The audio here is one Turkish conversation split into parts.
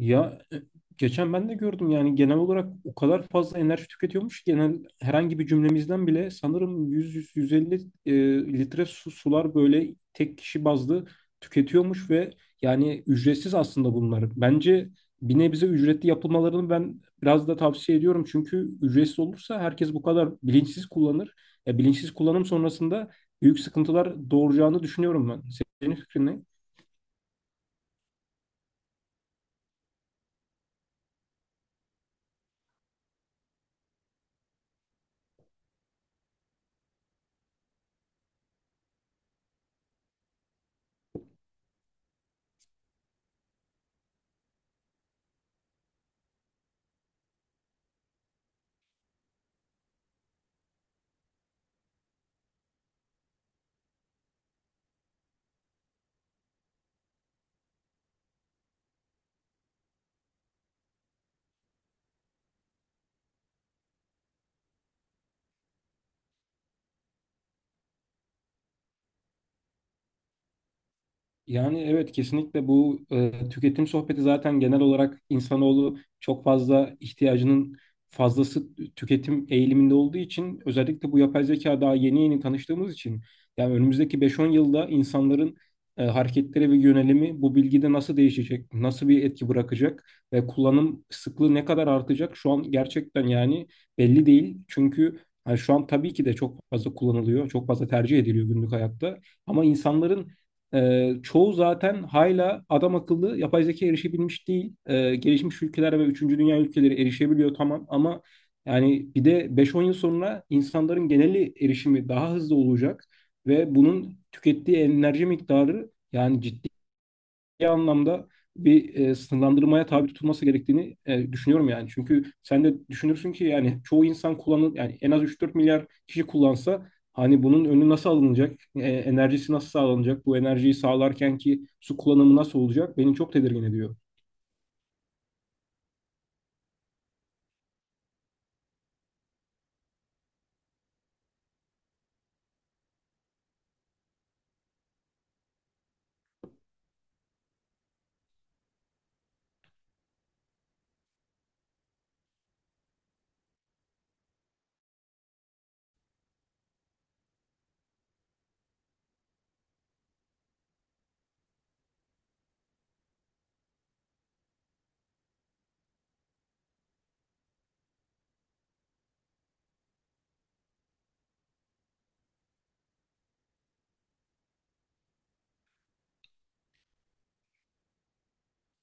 Ya e, Geçen ben de gördüm, yani genel olarak o kadar fazla enerji tüketiyormuş ki genel herhangi bir cümlemizden bile sanırım 100-150 litre su, sular böyle tek kişi bazlı tüketiyormuş, ve yani ücretsiz aslında bunlar. Bence bir nebze ücretli yapılmalarını ben biraz da tavsiye ediyorum, çünkü ücretsiz olursa herkes bu kadar bilinçsiz kullanır. Bilinçsiz kullanım sonrasında büyük sıkıntılar doğuracağını düşünüyorum ben. Senin fikrin ne? Yani evet, kesinlikle bu tüketim sohbeti, zaten genel olarak insanoğlu çok fazla ihtiyacının fazlası tüketim eğiliminde olduğu için, özellikle bu yapay zeka daha yeni yeni tanıştığımız için yani önümüzdeki 5-10 yılda insanların hareketleri ve yönelimi bu bilgide nasıl değişecek, nasıl bir etki bırakacak ve kullanım sıklığı ne kadar artacak şu an gerçekten yani belli değil. Çünkü hani şu an tabii ki de çok fazla kullanılıyor, çok fazla tercih ediliyor günlük hayatta, ama insanların çoğu zaten hala adam akıllı yapay zeka erişebilmiş değil. Gelişmiş ülkeler ve üçüncü dünya ülkeleri erişebiliyor, tamam, ama yani bir de beş on yıl sonra insanların geneli erişimi daha hızlı olacak ve bunun tükettiği enerji miktarı yani ciddi anlamda bir sınırlandırmaya tabi tutulması gerektiğini düşünüyorum yani. Çünkü sen de düşünürsün ki yani çoğu insan kullanın, yani en az üç dört milyar kişi kullansa, hani bunun önü nasıl alınacak? E, enerjisi nasıl sağlanacak? Bu enerjiyi sağlarken ki su kullanımı nasıl olacak? Beni çok tedirgin ediyor.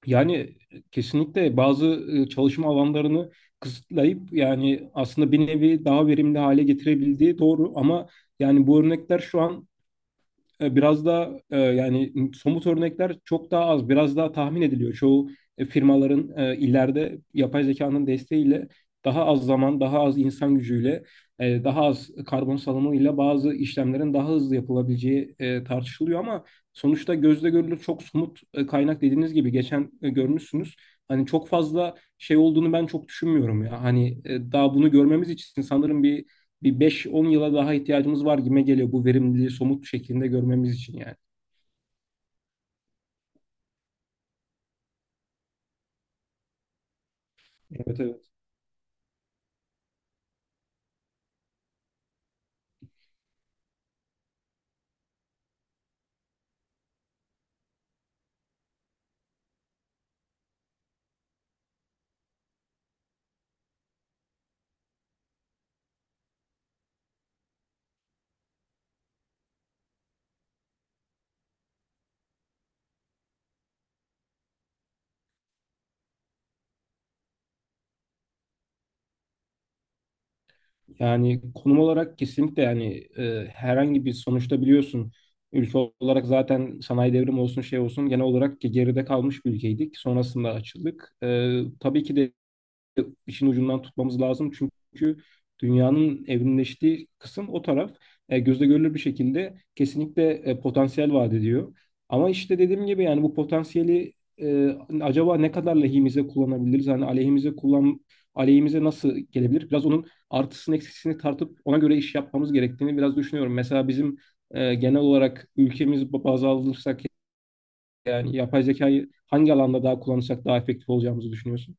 Yani kesinlikle bazı çalışma alanlarını kısıtlayıp yani aslında bir nevi daha verimli hale getirebildiği doğru, ama yani bu örnekler şu an biraz da yani somut örnekler çok daha az, biraz daha tahmin ediliyor. Çoğu firmaların ileride yapay zekanın desteğiyle daha az zaman, daha az insan gücüyle, daha az karbon salımıyla bazı işlemlerin daha hızlı yapılabileceği tartışılıyor, ama sonuçta gözle görülür çok somut kaynak, dediğiniz gibi geçen görmüşsünüz. Hani çok fazla şey olduğunu ben çok düşünmüyorum ya. Hani daha bunu görmemiz için sanırım bir 5-10 yıla daha ihtiyacımız var gibi geliyor, bu verimliliği somut şeklinde görmemiz için yani. Evet, evet. Yani konum olarak kesinlikle yani herhangi bir, sonuçta biliyorsun, ülke olarak zaten sanayi devrimi olsun şey olsun genel olarak geride kalmış bir ülkeydik. Sonrasında açıldık. Tabii ki de işin ucundan tutmamız lazım. Çünkü dünyanın evrimleştiği kısım o taraf. E, gözle görülür bir şekilde kesinlikle potansiyel vaat ediyor. Ama işte dediğim gibi yani bu potansiyeli e, acaba ne kadar lehimize kullanabiliriz? Hani aleyhimize nasıl gelebilir? Biraz onun artısını eksisini tartıp ona göre iş yapmamız gerektiğini biraz düşünüyorum. Mesela bizim genel olarak ülkemiz baz alırsak yani yapay zekayı hangi alanda daha kullanırsak daha efektif olacağımızı düşünüyorsun?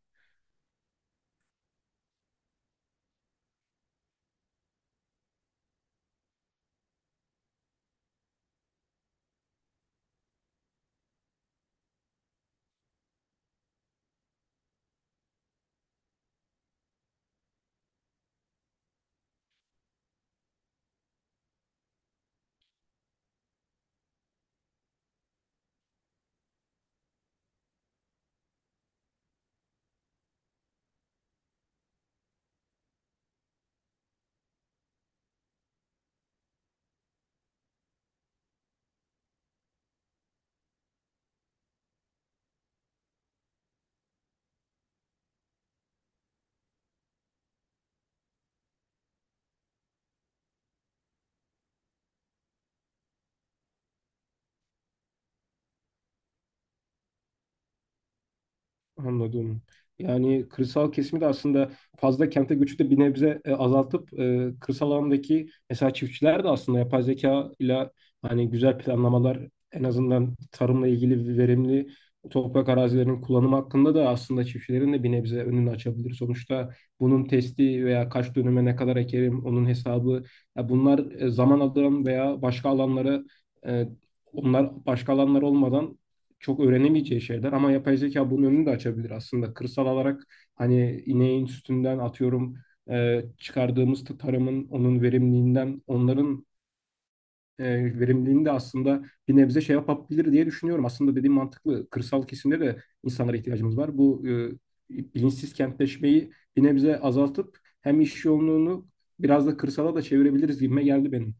Anladım. Yani kırsal kesimi de aslında, fazla kente göçü de bir nebze azaltıp, kırsal alandaki mesela çiftçiler de aslında yapay zeka ile hani güzel planlamalar, en azından tarımla ilgili verimli toprak arazilerinin kullanımı hakkında da aslında çiftçilerin de bir nebze önünü açabilir. Sonuçta bunun testi veya kaç dönüme ne kadar ekerim onun hesabı, ya bunlar zaman alan veya başka alanlara e, onlar başka alanlar olmadan çok öğrenemeyeceği şeyler, ama yapay zeka bunun önünü de açabilir aslında. Kırsal olarak hani ineğin sütünden atıyorum çıkardığımız tarımın, onun verimliliğinden, onların e, verimliliğini de aslında bir nebze şey yapabilir diye düşünüyorum. Aslında dediğim mantıklı. Kırsal kesimde de insanlara ihtiyacımız var. Bu bilinçsiz kentleşmeyi bir nebze azaltıp hem iş yoğunluğunu biraz da kırsala da çevirebiliriz gibime geldi benim.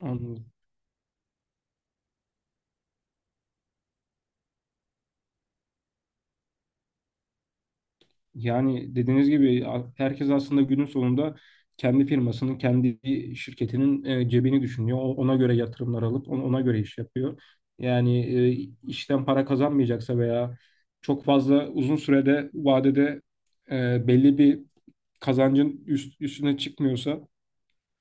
Anladım. Yani dediğiniz gibi herkes aslında günün sonunda kendi firmasının, kendi şirketinin cebini düşünüyor. Ona göre yatırımlar alıp ona göre iş yapıyor. Yani işten para kazanmayacaksa veya çok fazla uzun sürede vadede belli bir kazancın üstüne çıkmıyorsa,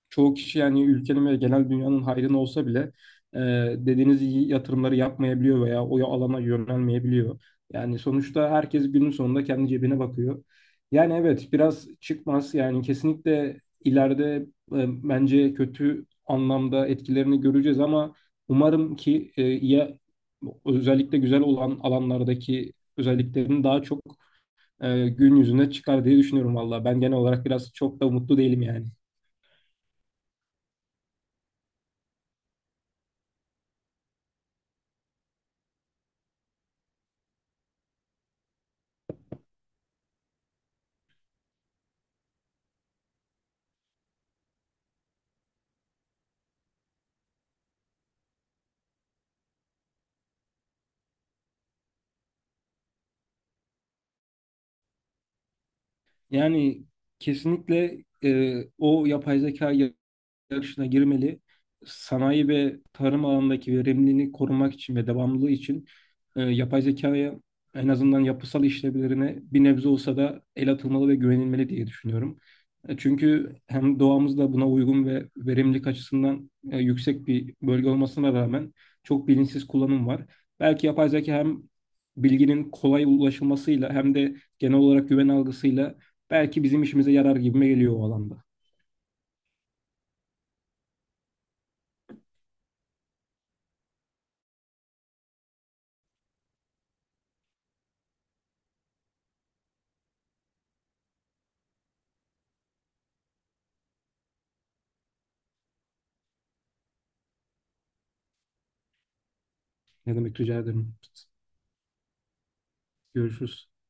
çoğu kişi yani ülkenin ve genel dünyanın hayrına olsa bile e, dediğiniz iyi yatırımları yapmayabiliyor veya o alana yönelmeyebiliyor. Yani sonuçta herkes günün sonunda kendi cebine bakıyor. Yani evet, biraz çıkmaz, yani kesinlikle ileride bence kötü anlamda etkilerini göreceğiz, ama umarım ki ya özellikle güzel olan alanlardaki özelliklerini daha çok gün yüzüne çıkar diye düşünüyorum valla. Ben genel olarak biraz çok da umutlu değilim yani. Yani kesinlikle o yapay zeka yaşına girmeli. Sanayi ve tarım alanındaki verimliliğini korumak için ve devamlılığı için yapay zekaya en azından yapısal işlevlerine bir nebze olsa da el atılmalı ve güvenilmeli diye düşünüyorum. Çünkü hem doğamız da buna uygun ve verimlilik açısından yüksek bir bölge olmasına rağmen çok bilinçsiz kullanım var. Belki yapay zeka hem bilginin kolay ulaşılmasıyla hem de genel olarak güven algısıyla belki bizim işimize yarar gibime geliyor o alanda. Ne demek, rica ederim. Görüşürüz.